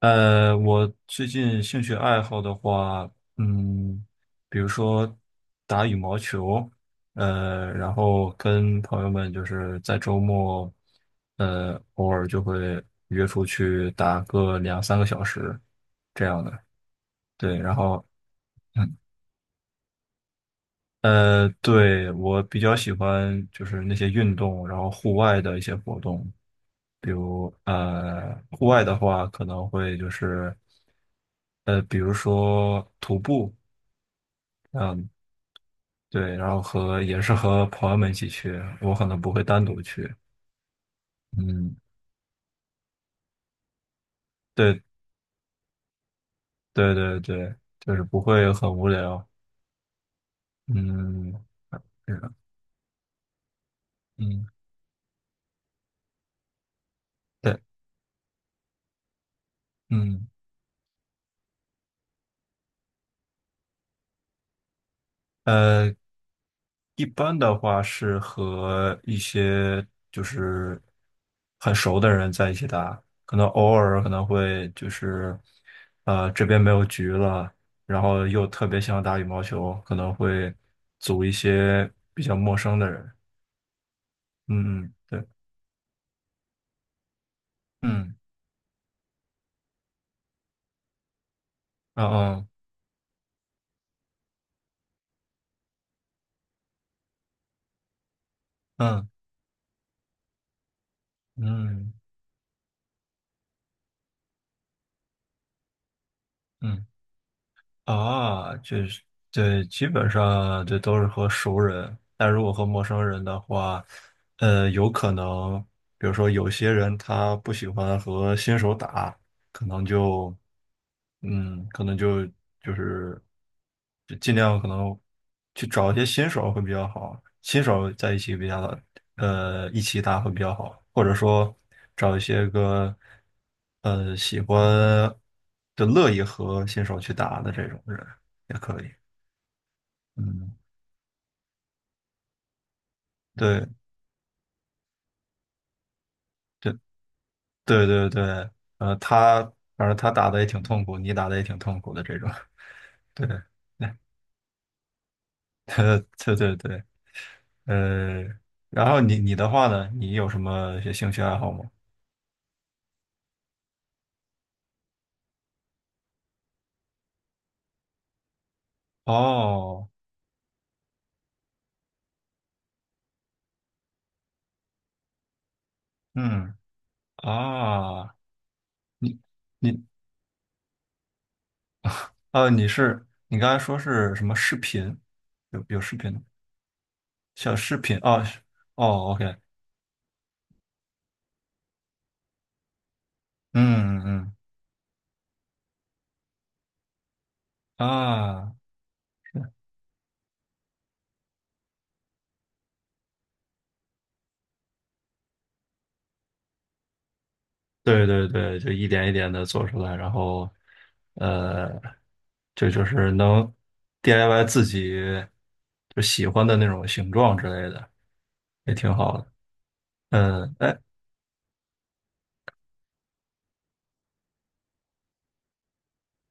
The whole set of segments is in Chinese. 我最近兴趣爱好的话，嗯，比如说打羽毛球，然后跟朋友们就是在周末，偶尔就会约出去打个两三个小时这样的。对，然后，嗯，对，我比较喜欢就是那些运动，然后户外的一些活动。比如户外的话可能会就是比如说徒步，对，然后和也是和朋友们一起去，我可能不会单独去。嗯，对对对对，就是不会很无聊。嗯，是的，嗯，对，嗯，呃，一般的话是和一些就是很熟的人在一起打，可能偶尔可能会就是，这边没有局了，然后又特别想打羽毛球，可能会组一些比较陌生的人。嗯嗯，对，嗯，啊嗯嗯嗯嗯。啊，就是对，基本上这都是和熟人，但如果和陌生人的话，有可能，比如说有些人他不喜欢和新手打，可能就，嗯，可能就就是就尽量可能去找一些新手会比较好，新手在一起比较好，一起打会比较好，或者说找一些个喜欢就乐意和新手去打的这种人也可以。嗯，对对对对对，呃，他反正他打的也挺痛苦，你打的也挺痛苦的这种。对，对，对对对，呃，然后你的话呢，你有什么一些兴趣爱好吗？哦，嗯啊，你你。你刚才说是什么视频？有视频的小视频哦是哦，OK，嗯嗯嗯啊，对对对，就一点一点的做出来，然后呃，就是能 DIY 自己就喜欢的那种形状之类的，也挺好的。嗯，哎，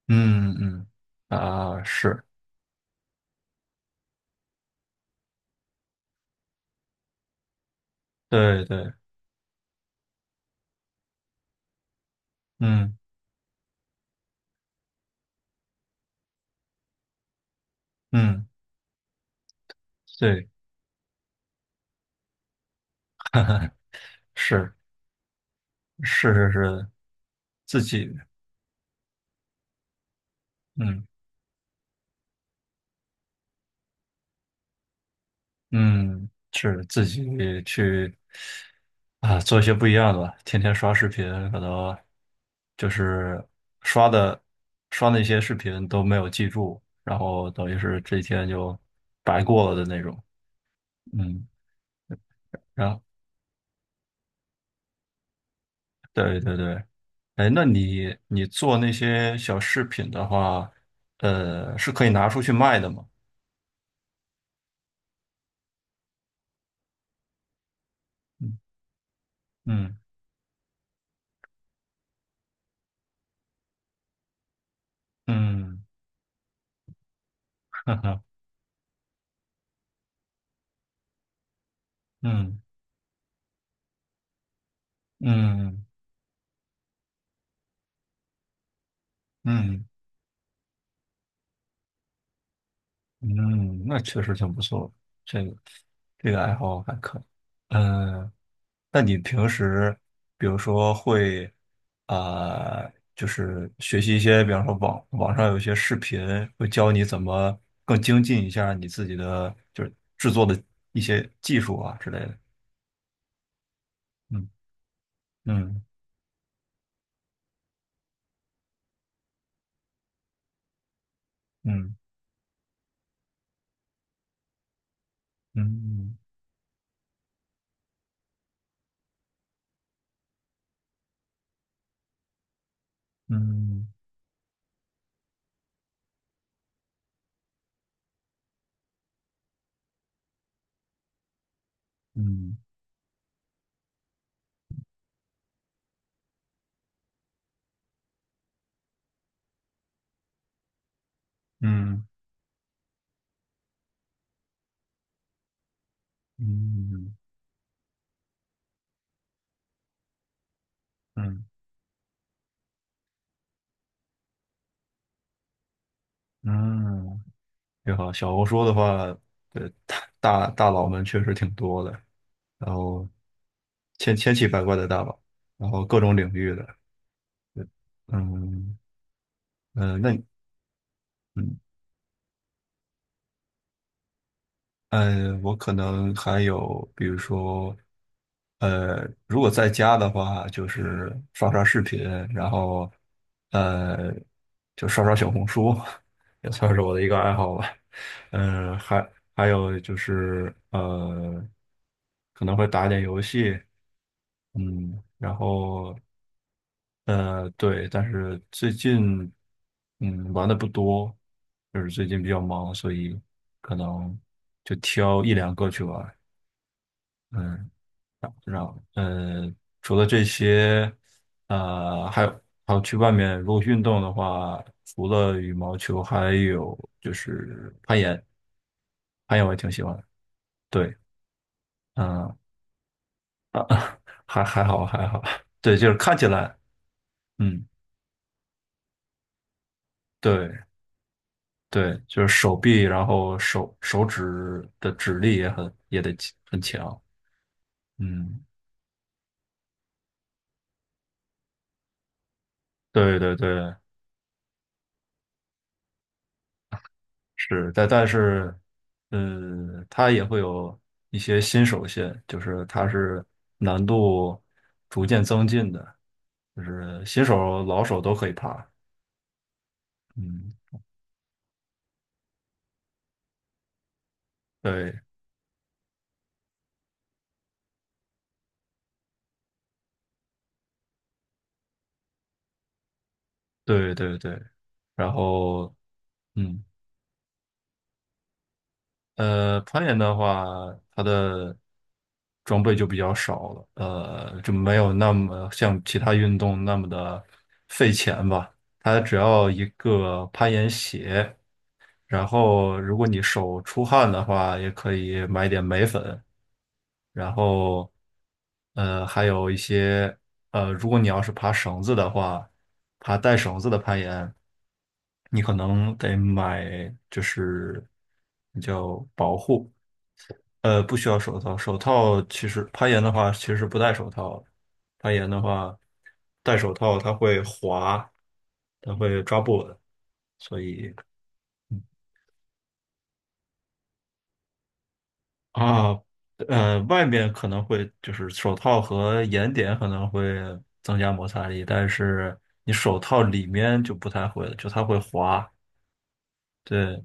嗯嗯啊，是，对对，嗯嗯，对，是是是是，自己。嗯。嗯，是自己去啊，做一些不一样的吧。天天刷视频，可能就是刷的刷那些视频都没有记住，然后等于是这一天就白过了的那种。嗯，然后对对对，哎，那你做那些小饰品的话，是可以拿出去卖的吗？嗯嗯嗯，哈哈，嗯嗯嗯嗯，那确实挺不错，这个这个爱好还可以。嗯，那你平时比如说会啊、就是学习一些，比方说网上有一些视频，会教你怎么更精进一下你自己的就是制作的一些技术啊之类的。嗯嗯嗯嗯嗯嗯嗯嗯嗯嗯嗯。你好。小红书的话，大佬们确实挺多的，然后千奇百怪的大佬，然后各种领域的，嗯，那嗯，我可能还有，比如说，如果在家的话，就是刷刷视频，然后呃，就刷刷小红书，也算是我的一个爱好吧。嗯、还有就是可能会打一点游戏。嗯，然后对，但是最近嗯玩的不多，就是最近比较忙，所以可能就挑一两个去玩。嗯，然然呃，除了这些，还有去外面如果运动的话，除了羽毛球，还有就是攀岩，攀岩我也挺喜欢的。对，嗯、啊，还好还好，对，就是看起来，嗯，对。对，就是手臂，然后手指的指力也很也得很强。嗯，对对对，是，但是，嗯，它也会有一些新手线，就是它是难度逐渐增进的，就是新手、老手都可以爬。嗯，对对对对，然后嗯。攀岩的话，它的装备就比较少了，就没有那么像其他运动那么的费钱吧。它只要一个攀岩鞋，然后如果你手出汗的话，也可以买点镁粉，然后还有一些如果你要是爬绳子的话，爬带绳子的攀岩，你可能得买就是叫保护。不需要手套。手套其实攀岩的话，其实是不戴手套的攀岩的话，戴手套它会滑，它会抓不稳，所以嗯啊，外面可能会就是手套和岩点可能会增加摩擦力，但是你手套里面就不太会了，就它会滑。对，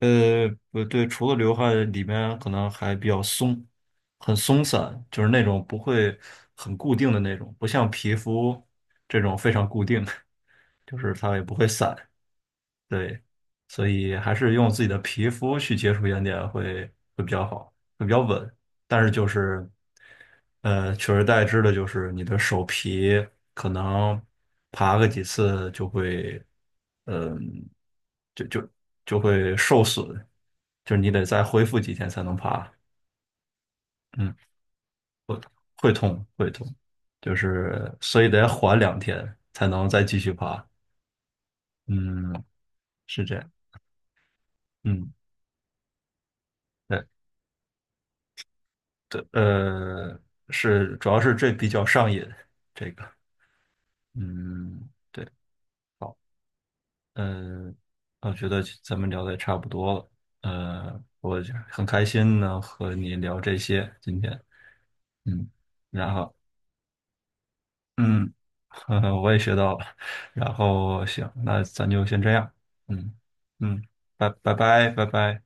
不对，除了流汗，里面可能还比较松，很松散，就是那种不会很固定的那种，不像皮肤这种非常固定，就是它也不会散。对，所以还是用自己的皮肤去接触岩点会比较好，会比较稳。但是就是，取而代之的就是你的手皮可能爬个几次就会，嗯、就就就会受损，就是你得再恢复几天才能爬，嗯，会痛会痛，就是所以得缓两天才能再继续爬，嗯，是这样，嗯。对。对，是，主要是这比较上瘾，这个，嗯，对，好，嗯，我觉得咱们聊的也差不多了，我就很开心能和你聊这些今天，嗯，然后，嗯，呵呵，我也学到了，然后行，那咱就先这样，嗯嗯，拜拜拜拜拜。